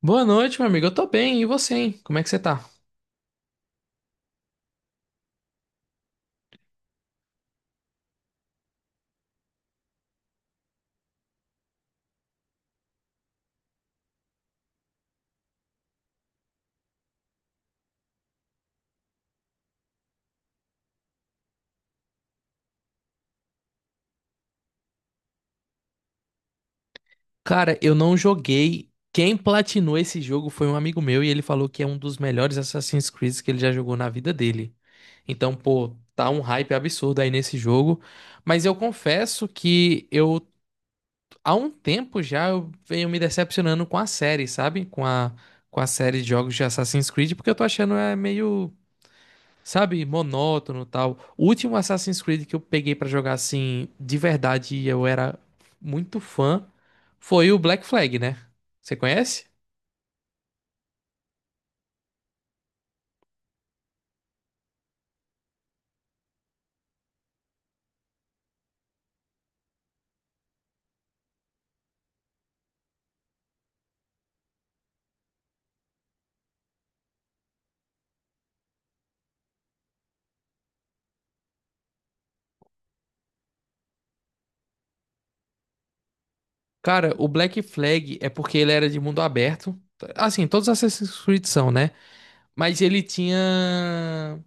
Boa noite, meu amigo. Eu tô bem. E você, hein? Como é que você tá? Cara, eu não joguei. Quem platinou esse jogo foi um amigo meu e ele falou que é um dos melhores Assassin's Creed que ele já jogou na vida dele. Então, pô, tá um hype absurdo aí nesse jogo. Mas eu confesso que eu, há um tempo já, eu venho me decepcionando com a série, sabe? Com a série de jogos de Assassin's Creed, porque eu tô achando é meio. Sabe, monótono e tal. O último Assassin's Creed que eu peguei pra jogar assim, de verdade, e eu era muito fã, foi o Black Flag, né? Você conhece? Cara, o Black Flag é porque ele era de mundo aberto. Assim, todos os Assassin's Creed são, né? Mas ele tinha.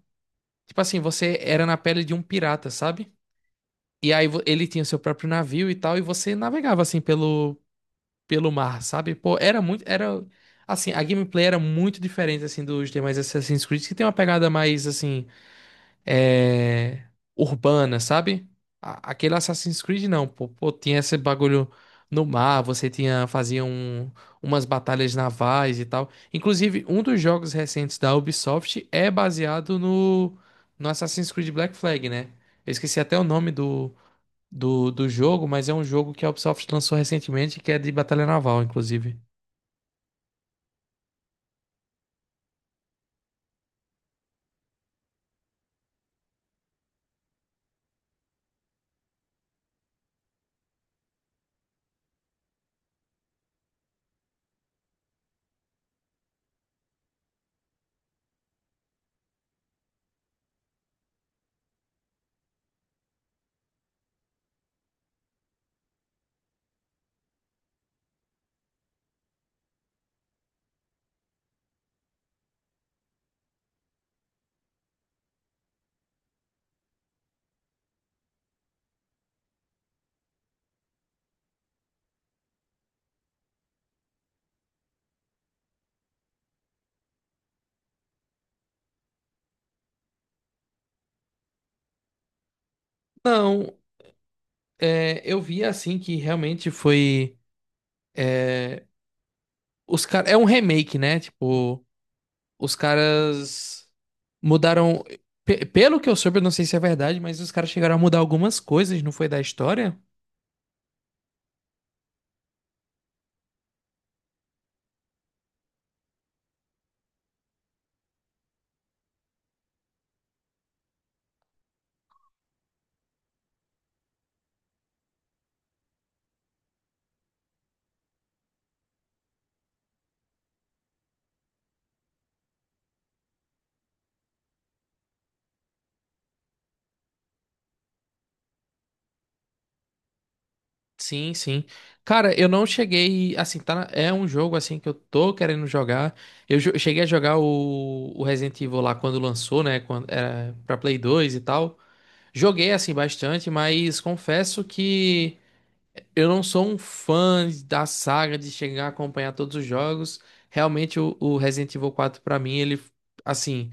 Tipo assim, você era na pele de um pirata, sabe? E aí ele tinha seu próprio navio e tal, e você navegava assim pelo mar, sabe? Pô, era muito, era assim, a gameplay era muito diferente assim dos demais Assassin's Creed, que tem uma pegada mais assim, é, urbana, sabe? Aquele Assassin's Creed não, pô, tinha esse bagulho no mar, você tinha fazia umas batalhas navais e tal. Inclusive, um dos jogos recentes da Ubisoft é baseado no Assassin's Creed Black Flag, né? Eu esqueci até o nome do jogo, mas é um jogo que a Ubisoft lançou recentemente, que é de Batalha Naval, inclusive. Não, é, eu vi assim que realmente foi. É, os cara, é um remake, né? Tipo, os caras mudaram. Pelo que eu soube, eu não sei se é verdade, mas os caras chegaram a mudar algumas coisas, não foi da história? Sim, sim. Cara, eu não cheguei. Assim, tá, é um jogo assim que eu tô querendo jogar. Eu cheguei a jogar o Resident Evil lá quando lançou, né? Quando era pra Play 2 e tal. Joguei assim bastante, mas confesso que eu não sou um fã da saga de chegar a acompanhar todos os jogos. Realmente, o Resident Evil quatro pra mim, ele, assim,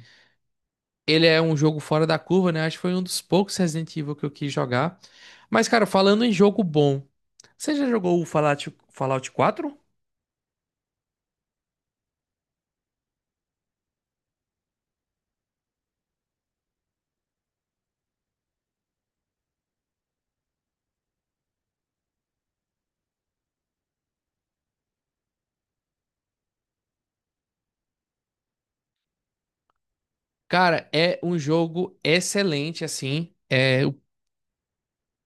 ele é um jogo fora da curva, né? Acho que foi um dos poucos Resident Evil que eu quis jogar. Mas, cara, falando em jogo bom. Você já jogou o Fallout, Fallout 4? Cara, é um jogo excelente, assim.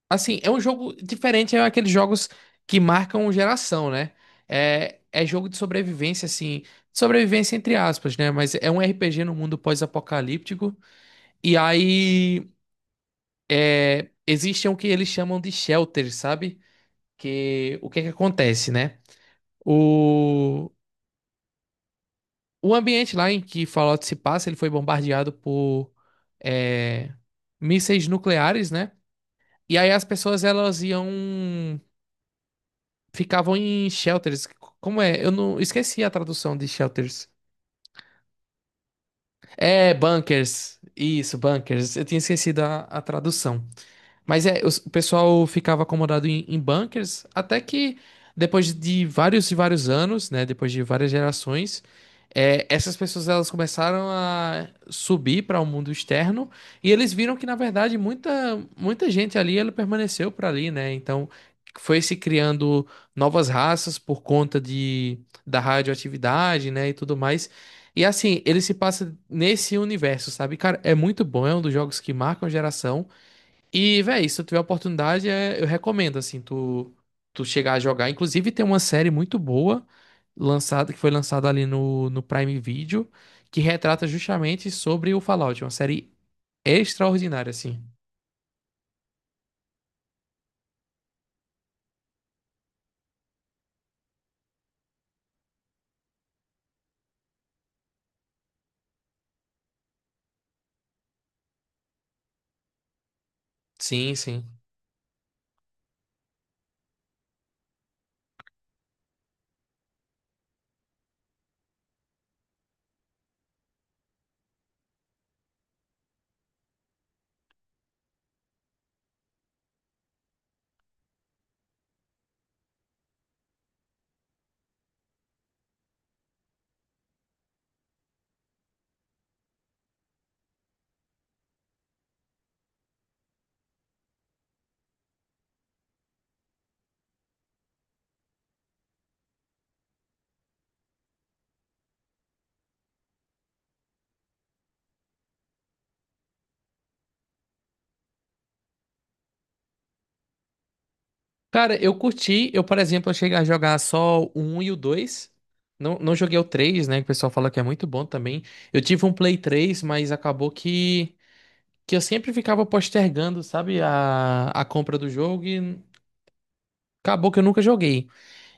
Assim, é um jogo diferente, é aqueles jogos que marcam geração, né? É, é jogo de sobrevivência, assim. Sobrevivência entre aspas, né? Mas é um RPG no mundo pós-apocalíptico. E aí, existem o que eles chamam de shelters, sabe? Que, o que é que acontece, né? o O ambiente lá em que Fallout se passa, ele foi bombardeado por é, mísseis nucleares, né? E aí as pessoas elas iam ficavam em shelters. Como é? Eu não esqueci a tradução de shelters. É, bunkers. Isso, bunkers. Eu tinha esquecido a tradução. Mas é, o pessoal ficava acomodado em, em bunkers até que depois de vários e vários anos, né, depois de várias gerações, essas pessoas elas começaram a subir para o mundo externo e eles viram que na verdade muita gente ali ela permaneceu para ali, né? Então foi se criando novas raças por conta de da radioatividade, né, e tudo mais. E assim, ele se passa nesse universo, sabe? Cara, é muito bom, é um dos jogos que marcam a geração. E, véi, se tu tiver oportunidade, eu recomendo, assim, tu, tu chegar a jogar. Inclusive, tem uma série muito boa lançada, que foi lançada ali no Prime Video, que retrata justamente sobre o Fallout. É uma série extraordinária, assim. Sim, sim. Cara, eu curti. Eu, por exemplo, eu cheguei a jogar só o um e o 2. Não, não joguei o 3, né? Que o pessoal fala que é muito bom também. Eu tive um Play 3, mas acabou que eu sempre ficava postergando, sabe? A compra do jogo e acabou que eu nunca joguei.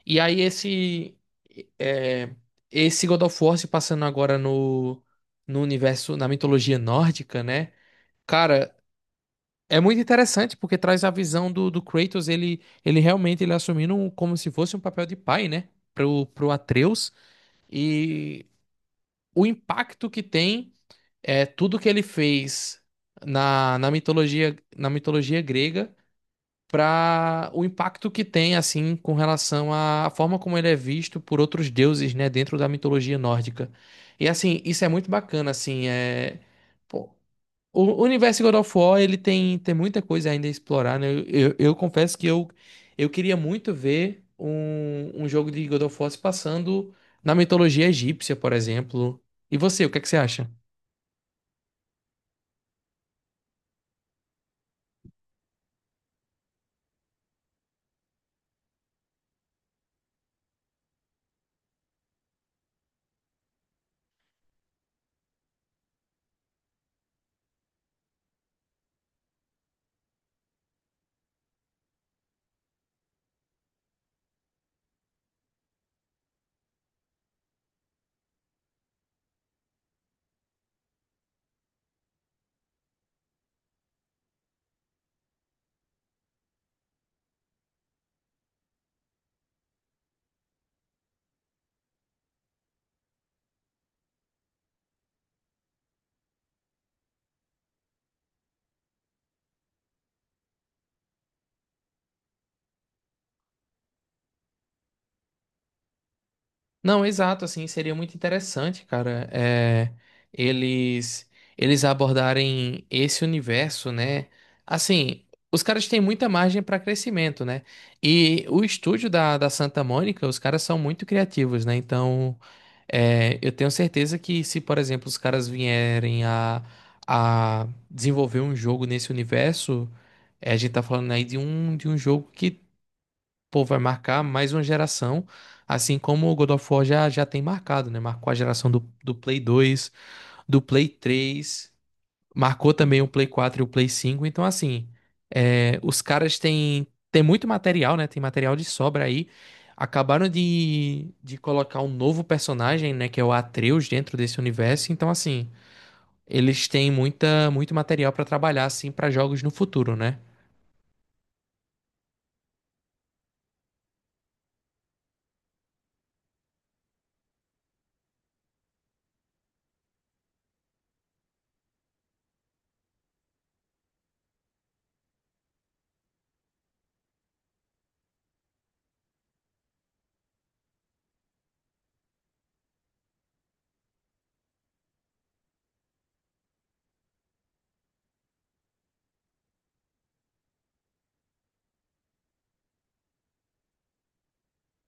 E aí esse... é, esse God of War se passando agora no, no universo, na mitologia nórdica, né? Cara, é muito interessante porque traz a visão do Kratos, ele realmente ele assumindo como se fosse um papel de pai, né? Pro Atreus. E o impacto que tem é tudo que ele fez na mitologia grega para o impacto que tem, assim, com relação à forma como ele é visto por outros deuses, né? Dentro da mitologia nórdica. E, assim, isso é muito bacana, assim, é... pô, o universo God of War, ele tem, tem muita coisa ainda a explorar, né? Eu confesso que eu queria muito ver um, um jogo de God of War se passando na mitologia egípcia, por exemplo. E você, o que é que você acha? Não, exato, assim, seria muito interessante, cara, é, eles eles abordarem esse universo, né? Assim, os caras têm muita margem para crescimento, né? E o estúdio da Santa Mônica, os caras são muito criativos, né? Então, é, eu tenho certeza que se, por exemplo, os caras vierem a desenvolver um jogo nesse universo, é, a gente tá falando aí de um jogo que pô, vai marcar mais uma geração, assim como o God of War já, já tem marcado, né? Marcou a geração do Play 2, do Play 3, marcou também o Play 4 e o Play 5. Então, assim, é, os caras têm, têm muito material, né? Tem material de sobra aí. Acabaram de colocar um novo personagem, né? Que é o Atreus dentro desse universo. Então, assim, eles têm muita, muito material pra trabalhar, assim, pra jogos no futuro, né?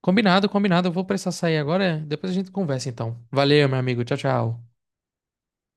Combinado, combinado. Eu vou precisar sair agora. Depois a gente conversa, então. Valeu, meu amigo. Tchau, tchau.